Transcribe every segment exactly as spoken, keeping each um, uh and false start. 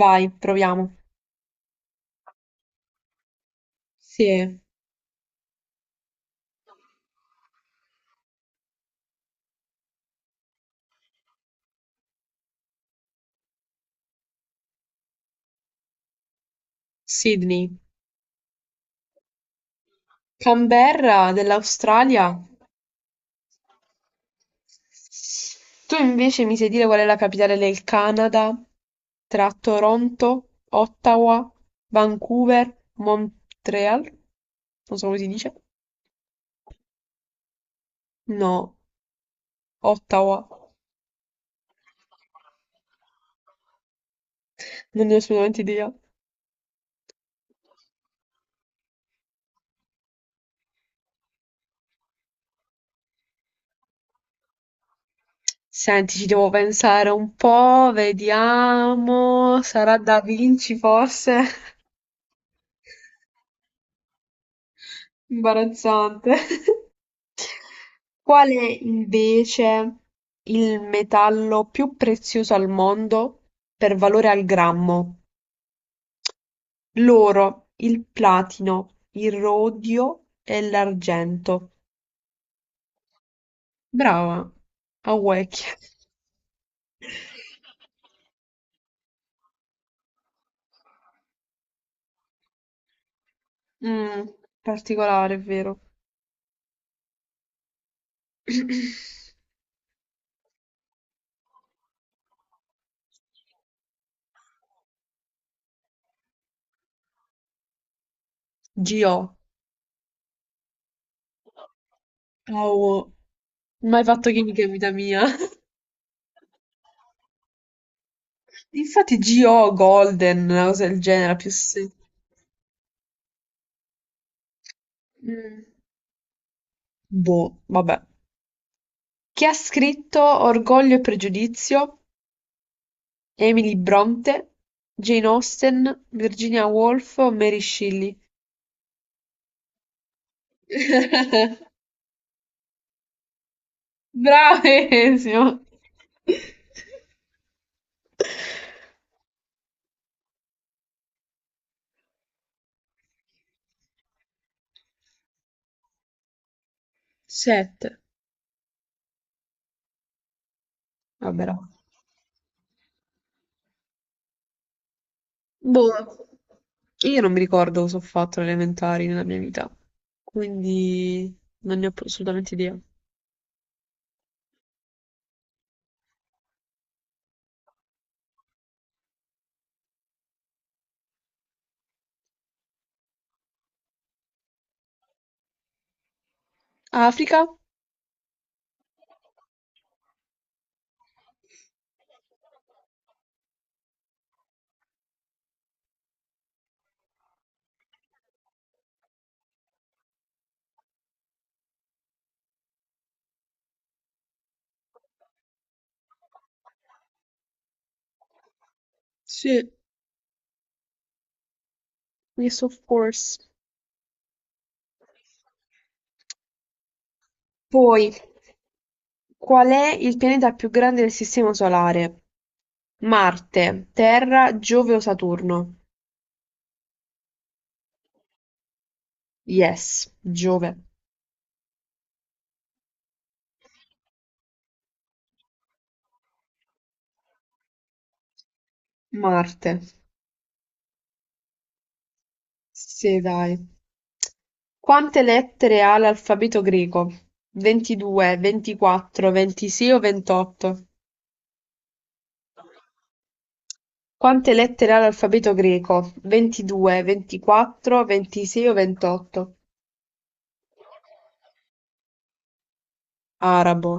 Vai, proviamo. Sì, Sydney. Canberra dell'Australia. Tu invece mi sai dire qual è la capitale del Canada? Tra Toronto, Ottawa, Vancouver, Montreal? Non so come si dice. No, Ottawa. Non ne ho assolutamente idea. Senti, ci devo pensare un po', vediamo. Sarà Da Vinci forse? Imbarazzante. Qual è invece il metallo più prezioso al mondo per valore al grammo? L'oro, il platino, il rodio e l'argento. Brava, a Wecchia. Mm, particolare, è vero. G O. Oh, mai fatto chimica in vita mia. Infatti G O. Golden, una cosa del genere, più se... Mm, boh, vabbè. Chi ha scritto "Orgoglio e pregiudizio", Emily Brontë, Jane Austen, Virginia Woolf o Mary Shelley? Bravissimo! Sette. Vabbè, no. Boh, io non mi ricordo cosa ho fatto alle elementari nella mia vita, quindi non ne ho assolutamente idea. Africa? Sì. Yes, of course. Poi, qual è il pianeta più grande del Sistema Solare? Marte, Terra, Giove o Saturno? Yes, Giove. Marte. Sì, dai. Quante lettere ha l'alfabeto greco? ventidue, ventiquattro, ventisei o ventotto? Quante lettere ha l'alfabeto greco? ventidue, ventiquattro, ventisei o ventotto? Arabo.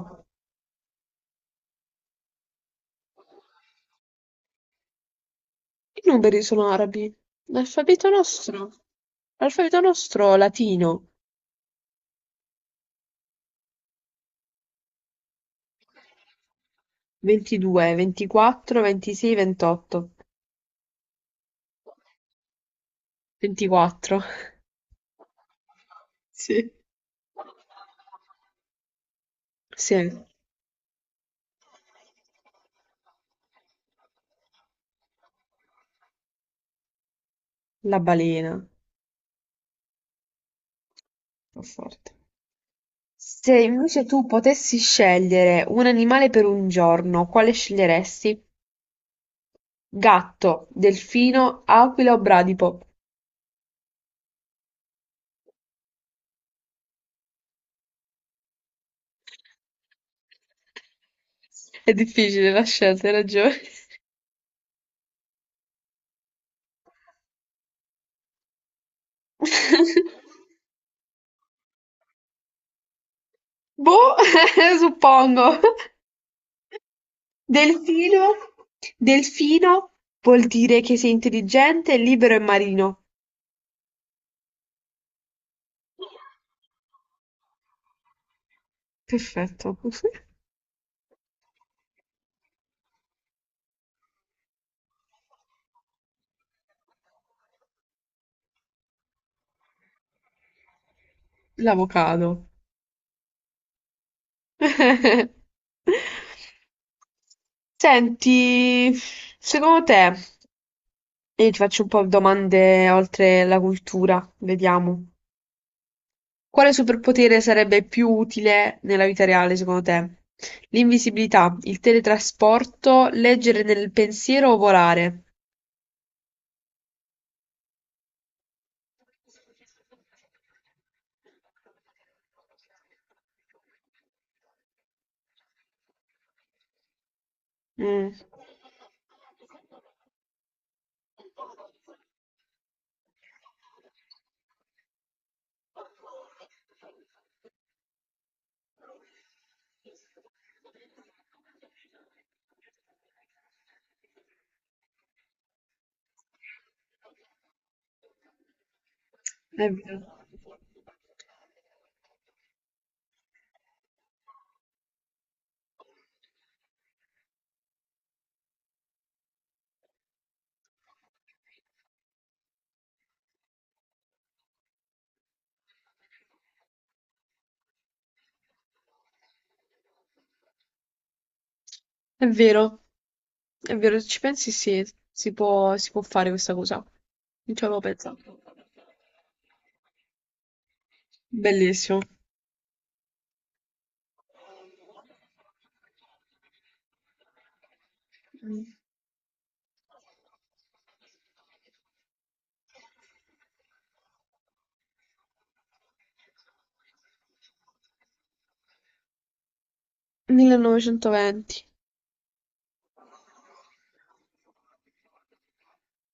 I numeri sono arabi. L'alfabeto nostro. L'alfabeto nostro latino. Ventidue, ventiquattro, ventisei, ventotto. Ventiquattro. Sì. Sì, la balena. Fa forte. Se invece tu potessi scegliere un animale per un giorno, quale sceglieresti? Gatto, delfino, aquila o bradipo? È difficile la scelta, hai ragione. Boh, suppongo. Delfino? Delfino vuol dire che sei intelligente, libero e marino. Perfetto. L'avocado. Senti, secondo te, io ti faccio un po' domande oltre la cultura, vediamo. Quale superpotere sarebbe più utile nella vita reale, secondo te? L'invisibilità, il teletrasporto, leggere nel pensiero o volare? Mh, è vero, è vero, è vero, se ci pensi sì, si può, si può fare questa cosa. Non ci avevo pensato. Bellissimo. Mm. millenovecentoventi.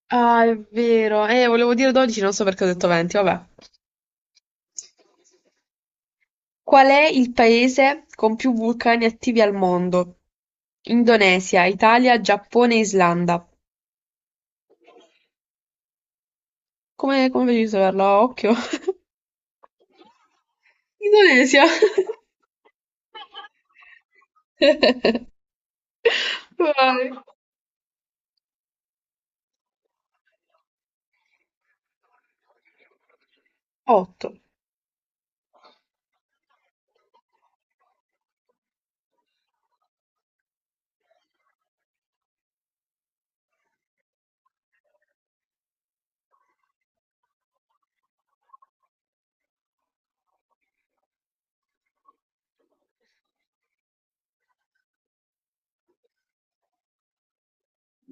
Ah, è vero. Eh, volevo dire dodici, non so perché ho detto venti, vabbè. Qual è il paese con più vulcani attivi al mondo? Indonesia, Italia, Giappone, Islanda. Come, come facevi a saperlo? A occhio. Indonesia. Vai. otto,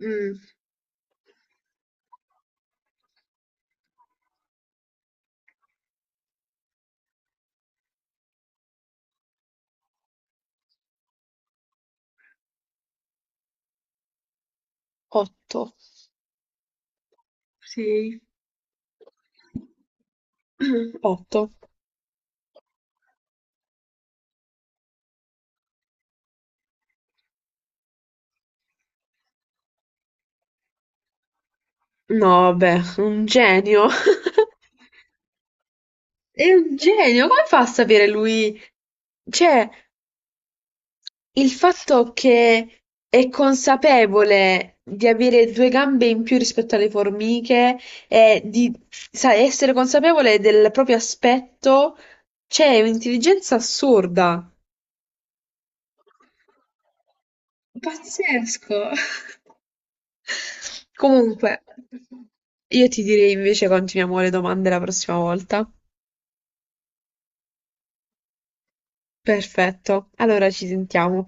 Mm, otto, sei. otto. No, vabbè, un genio. È un genio, come fa a sapere lui? Cioè, il fatto che è consapevole di avere due gambe in più rispetto alle formiche e di sa, essere consapevole del proprio aspetto, c'è un'intelligenza assurda. Pazzesco. Comunque, io ti direi invece continuiamo le domande la prossima volta. Perfetto, allora ci sentiamo.